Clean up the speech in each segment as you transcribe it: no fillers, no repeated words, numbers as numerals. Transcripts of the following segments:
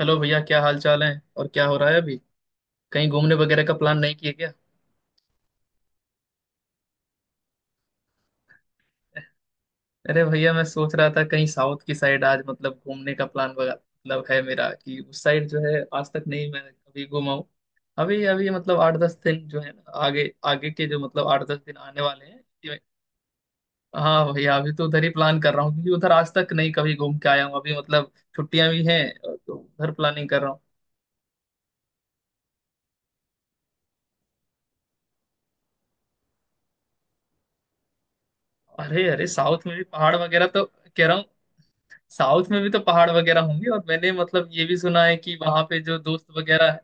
Hello भैया, क्या हाल चाल है? और क्या हो रहा है अभी? कहीं घूमने वगैरह का प्लान नहीं किए क्या? अरे भैया, मैं सोच रहा था कहीं साउथ की साइड आज मतलब घूमने का प्लान वगैरह मतलब है मेरा कि उस साइड जो है आज तक नहीं मैं कभी घूमा हूँ। अभी अभी मतलब 8 10 दिन जो है ना आगे आगे के जो मतलब आठ दस दिन आने वाले हैं हाँ भैया, अभी तो उधर ही प्लान कर रहा हूँ क्योंकि उधर आज तक नहीं कभी घूम के आया हूँ। अभी मतलब छुट्टियां भी हैं तो उधर प्लानिंग कर रहा हूँ। अरे अरे, साउथ में भी पहाड़ वगैरह तो कह रहा हूँ। साउथ में भी तो पहाड़ वगैरह होंगे, और मैंने मतलब ये भी सुना है कि वहां पे जो दोस्त वगैरह है।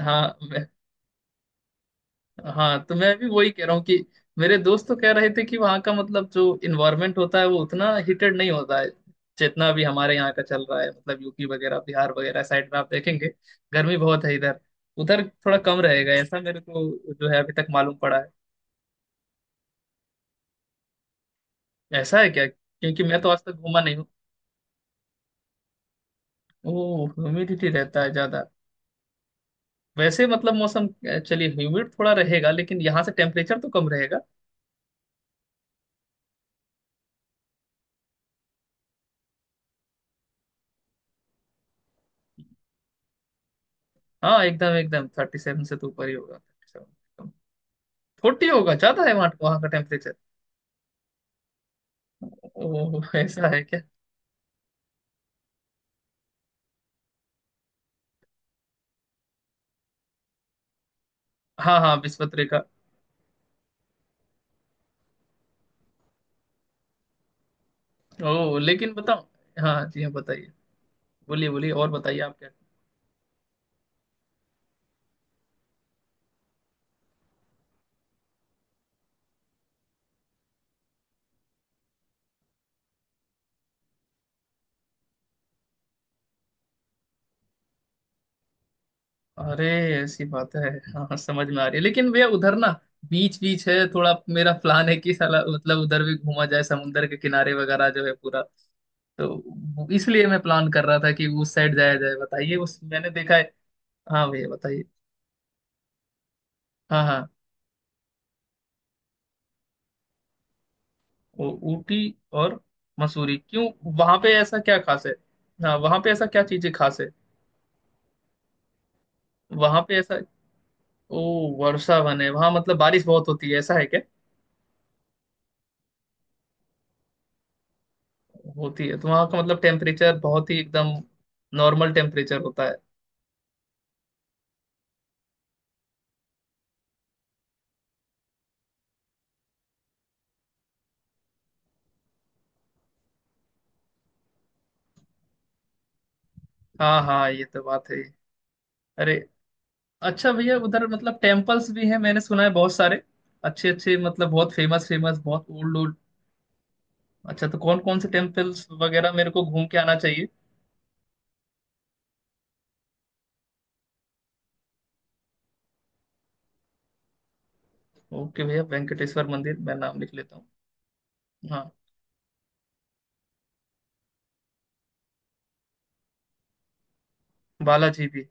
हाँ हाँ तो मैं भी वही कह रहा हूँ कि मेरे दोस्त तो कह रहे थे कि वहाँ का मतलब जो इन्वायरमेंट होता है वो उतना हीटेड नहीं होता है जितना भी हमारे यहाँ का चल रहा है। मतलब यूपी वगैरह बिहार वगैरह साइड में आप देखेंगे गर्मी बहुत है इधर। उधर थोड़ा कम रहेगा, ऐसा मेरे को जो है अभी तक मालूम पड़ा है। ऐसा है क्या? क्योंकि मैं तो आज तक घूमा नहीं हूँ। ओ, ह्यूमिडिटी रहता है ज्यादा। वैसे मतलब मौसम चलिए, ह्यूमिड थोड़ा रहेगा लेकिन यहाँ से टेम्परेचर तो कम रहेगा। हाँ एकदम एकदम, 37 से तो ऊपर ही होगा 37। 40 होगा, ज्यादा है वहाँ, वहाँ का टेम्परेचर। ओह, ऐसा है क्या? हाँ हाँ, विश्वत रेखा। ओह, लेकिन बताओ। हाँ जी, हाँ बताइए। बोलिए बोलिए, और बताइए आप क्या। अरे, ऐसी बात है, हाँ हाँ, समझ में आ रही है, लेकिन भैया उधर ना बीच बीच है। थोड़ा मेरा प्लान है कि साला मतलब उधर भी घूमा जाए, समुंदर के किनारे वगैरह जो है पूरा। तो इसलिए मैं प्लान कर रहा था कि उस साइड जाया जाए, बताइए उस मैंने देखा है। हाँ भैया बताइए। हाँ हाँ। वो ऊटी और मसूरी क्यों? वहां पे ऐसा क्या खास है? हाँ, वहां पे ऐसा क्या चीजें खास है? वहां पे ऐसा, ओ, वर्षा वन है वहां मतलब बारिश बहुत होती है, ऐसा है क्या? होती है तो वहां का मतलब टेम्परेचर बहुत ही एकदम नॉर्मल टेम्परेचर होता है। हाँ हाँ, ये तो बात है। अरे, अच्छा भैया, उधर मतलब टेम्पल्स भी हैं, मैंने सुना है, बहुत सारे अच्छे अच्छे, मतलब बहुत फेमस फेमस, बहुत ओल्ड। अच्छा, तो कौन कौन से टेम्पल्स वगैरह मेरे को घूम के आना चाहिए? ओके भैया, वेंकटेश्वर मंदिर, मैं नाम लिख लेता हूँ। हाँ, बालाजी भी।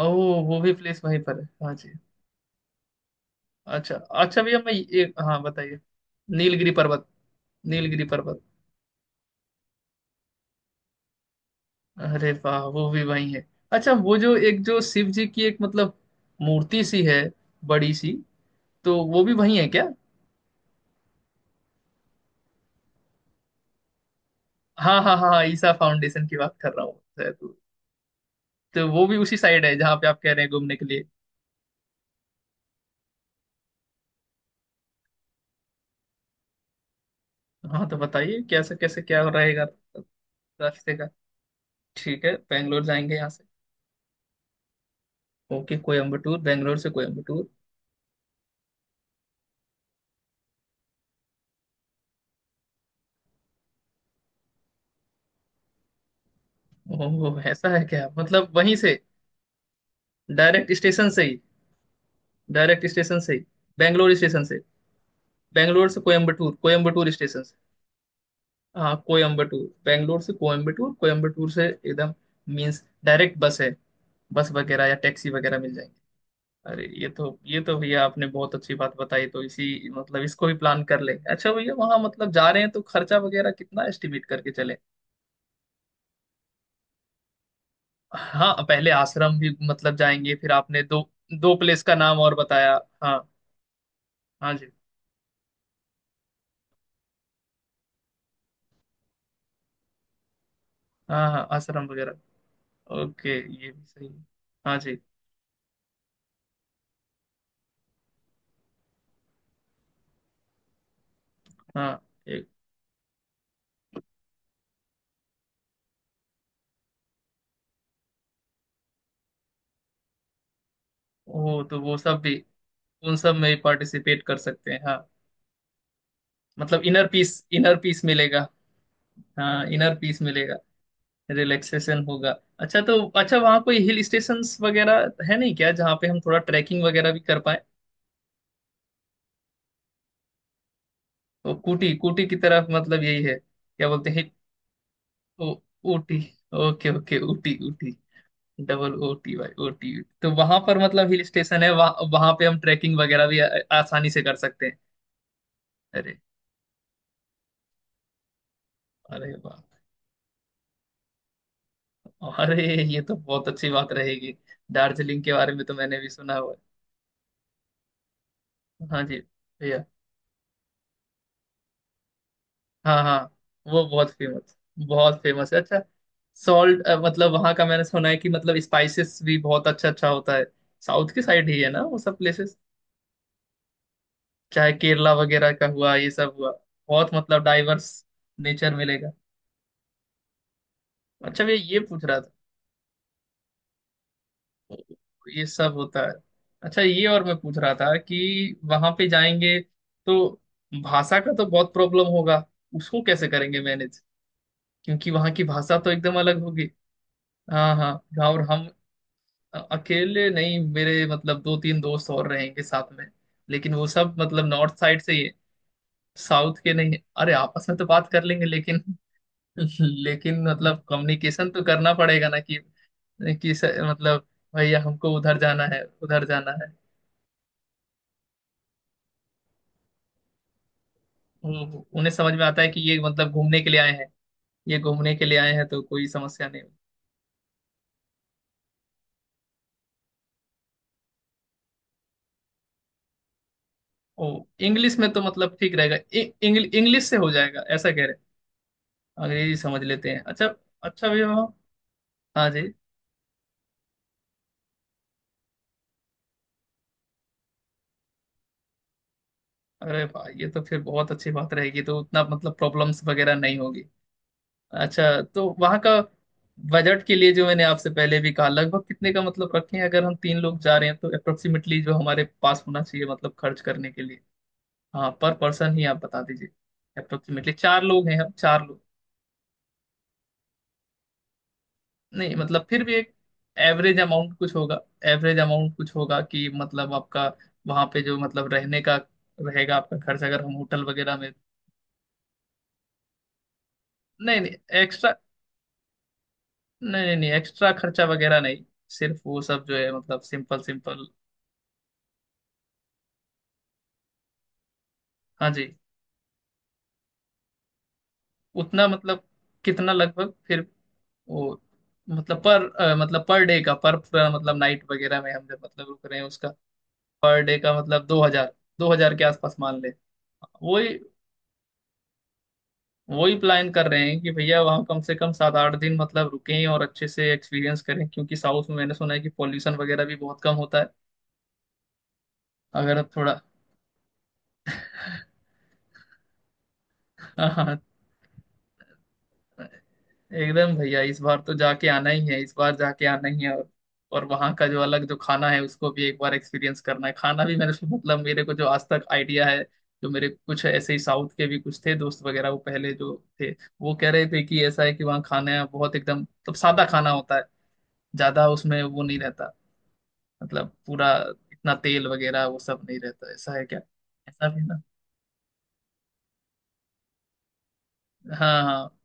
ओ, वो भी प्लेस वहीं पर है, हाँ जी। अच्छा अच्छा भैया, मैं ये, हाँ बताइए। नीलगिरी पर्वत। नीलगिरी पर्वत। अरे वाह, वो भी वहीं है? अच्छा, वो जो एक जो शिव जी की एक मतलब मूर्ति सी है, बड़ी सी, तो वो भी वहीं है क्या? हाँ हाँ हाँ हाँ, ईसा फाउंडेशन की बात कर रहा हूँ शायद। तो वो भी उसी साइड है जहाँ पे आप कह रहे हैं घूमने के लिए? हाँ तो बताइए कैसे कैसे, क्या रहेगा रास्ते का? ठीक है, बेंगलोर जाएंगे यहाँ से। ओके कोयम्बटूर, बेंगलोर से कोयम्बटूर। ओह, ऐसा है क्या? मतलब वहीं से? डायरेक्ट स्टेशन से ही? डायरेक्ट स्टेशन से ही? बेंगलोर स्टेशन से? बेंगलोर से कोयम्बटूर, कोयम्बटूर स्टेशन से? हाँ कोयम्बटूर, बेंगलोर से कोयम्बटूर, कोयम्बटूर से एकदम मीन्स डायरेक्ट बस है? बस वगैरह या टैक्सी वगैरह मिल जाएगी? अरे, ये तो भैया, आपने बहुत अच्छी बात बताई, तो इसी मतलब इसको भी प्लान कर ले। अच्छा भैया, वहां मतलब जा रहे हैं तो खर्चा वगैरह कितना एस्टिमेट करके चले? हाँ, पहले आश्रम भी मतलब जाएंगे, फिर आपने दो, दो प्लेस का नाम और बताया। हाँ हाँ जी। हाँ हाँ, आश्रम वगैरह। ओके, ये भी सही है। हाँ जी। हाँ, एक। ओ, तो वो सब भी, उन सब में पार्टिसिपेट कर सकते हैं, हाँ। मतलब इनर पीस, इनर पीस मिलेगा। हाँ, इनर पीस मिलेगा। रिलैक्सेशन होगा। अच्छा तो, अच्छा वहाँ कोई हिल स्टेशंस वगैरह है नहीं क्या, जहाँ पे हम थोड़ा ट्रैकिंग वगैरह भी कर पाए? वो कूटी कूटी की तरफ मतलब, यही है, क्या बोलते हैं? ओ, Ooty. Okay okay, Ooty Ooty, double O T, भाई ओटी। तो वहां पर मतलब हिल स्टेशन है वहाँ, वहां पे हम ट्रैकिंग वगैरह भी आसानी से कर सकते हैं? अरे, अरे वाह। अरे, ये तो बहुत अच्छी बात रहेगी। दार्जिलिंग के बारे में तो मैंने भी सुना हुआ है। हाँ जी। हाँ हाँ, वो बहुत फेमस, बहुत फेमस है, अच्छा। सॉल्ट मतलब, वहाँ का मैंने सुना है कि मतलब स्पाइसेस भी बहुत अच्छा अच्छा होता है। साउथ की साइड ही है ना वो सब प्लेसेस, चाहे केरला वगैरह का हुआ, ये सब हुआ। बहुत मतलब डाइवर्स नेचर मिलेगा। अच्छा भैया, ये पूछ रहा था, ये सब होता है। अच्छा, ये और मैं पूछ रहा था कि वहाँ पे जाएंगे तो भाषा का तो बहुत प्रॉब्लम होगा, उसको कैसे करेंगे मैनेज? क्योंकि वहाँ की भाषा तो एकदम अलग होगी। हाँ हाँ। और हम अकेले नहीं, मेरे मतलब दो तीन दोस्त और रहेंगे साथ में, लेकिन वो सब मतलब नॉर्थ साइड से ही है, साउथ के नहीं है। अरे, आपस में तो बात कर लेंगे लेकिन लेकिन मतलब कम्युनिकेशन तो करना पड़ेगा ना कि कि स, मतलब भैया, हमको उधर जाना है, उधर जाना है। उन्हें समझ में आता है कि ये मतलब घूमने के लिए आए हैं, ये घूमने के लिए आए हैं, तो कोई समस्या नहीं। ओ, इंग्लिश में तो मतलब ठीक रहेगा, इंग्लिश, इंग्लिश से हो जाएगा, ऐसा कह रहे हैं। अंग्रेजी समझ लेते हैं, अच्छा। अच्छा भैया। हाँ जी। अरे भाई, ये तो फिर बहुत अच्छी बात रहेगी, तो उतना मतलब प्रॉब्लम्स वगैरह नहीं होगी। अच्छा तो वहाँ का बजट के लिए, जो मैंने आपसे पहले भी कहा, लगभग कितने का मतलब रखें? अगर हम तीन लोग जा रहे हैं तो अप्रोक्सीमेटली जो हमारे पास होना चाहिए मतलब खर्च करने के लिए? हाँ, पर पर्सन ही आप बता दीजिए। अप्रोक्सीमेटली चार लोग हैं, हम चार लोग। नहीं मतलब फिर भी एक एवरेज अमाउंट कुछ होगा। एवरेज अमाउंट कुछ होगा कि मतलब आपका वहाँ पे जो मतलब रहने का रहेगा आपका खर्च, अगर हम होटल वगैरह में। नहीं नहीं नहीं, नहीं नहीं, एक्स्ट्रा खर्चा वगैरह नहीं, सिर्फ वो सब जो है मतलब, सिंपल सिंपल। हाँ जी। उतना मतलब कितना लगभग फिर? वो मतलब पर मतलब पर डे का, पर पूरा मतलब नाइट वगैरह में हम जब मतलब रुक रहे हैं उसका? पर डे का मतलब 2000, 2000 के आसपास मान ले? वही वही प्लान कर रहे हैं कि भैया वहाँ कम से कम 7 8 दिन मतलब रुकें और अच्छे से एक्सपीरियंस करें, क्योंकि साउथ में मैंने सुना है कि पॉल्यूशन वगैरह भी बहुत कम होता है। अगर थोड़ा हाँ, हाँ एकदम भैया, इस बार तो जाके आना ही है, इस बार जाके आना ही है। और वहाँ का जो अलग जो खाना है उसको भी एक बार एक्सपीरियंस करना है। खाना भी मैंने मतलब मेरे को जो आज तक आइडिया है, जो मेरे कुछ ऐसे ही साउथ के भी कुछ थे दोस्त वगैरह, वो पहले जो थे, वो कह रहे थे कि ऐसा है कि वहाँ खाना बहुत एकदम मतलब सादा खाना होता है, ज्यादा उसमें वो नहीं रहता, मतलब पूरा इतना तेल वगैरह वो सब नहीं रहता, ऐसा है क्या? ऐसा भी ना। हाँ हाँ।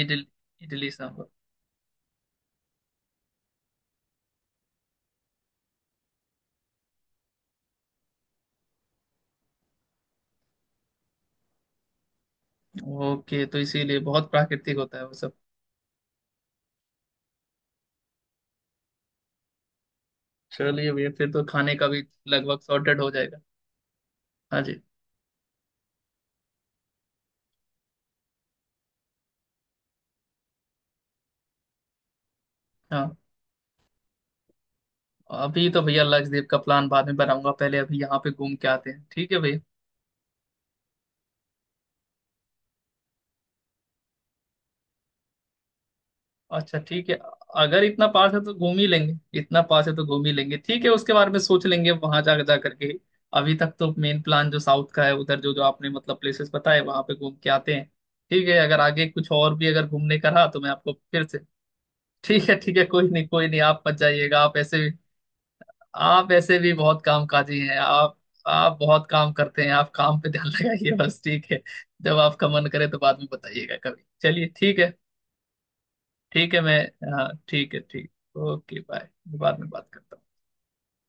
इडली। इडली सांभर। ओके, तो इसीलिए बहुत प्राकृतिक होता है वो सब? चलिए भैया, फिर तो खाने का भी लगभग सॉर्टेड हो जाएगा। हाँ जी। हाँ। अभी तो भैया लक्षद्वीप का प्लान बाद में बनाऊंगा, पहले अभी यहाँ पे घूम के आते हैं, ठीक है भैया। अच्छा ठीक है, अगर इतना पास है तो घूम ही लेंगे, इतना पास है तो घूम ही लेंगे, ठीक है, उसके बारे में सोच लेंगे वहां जा जा करके। अभी तक तो मेन प्लान जो साउथ का है उधर, जो जो आपने मतलब प्लेसेस बताए वहां पे घूम के आते हैं। ठीक है, अगर आगे कुछ और भी अगर घूमने का रहा तो मैं आपको फिर से। ठीक है ठीक है, कोई नहीं कोई नहीं, आप मत जाइएगा, आप ऐसे, आप ऐसे भी बहुत कामकाजी हैं आप बहुत काम करते हैं, आप काम पे ध्यान लगाइए बस, ठीक है। जब आपका मन करे तो बाद में बताइएगा कभी, चलिए ठीक है। ठीक है मैं, हाँ ठीक है, ठीक। Okay bye. बाद में बात करता हूँ।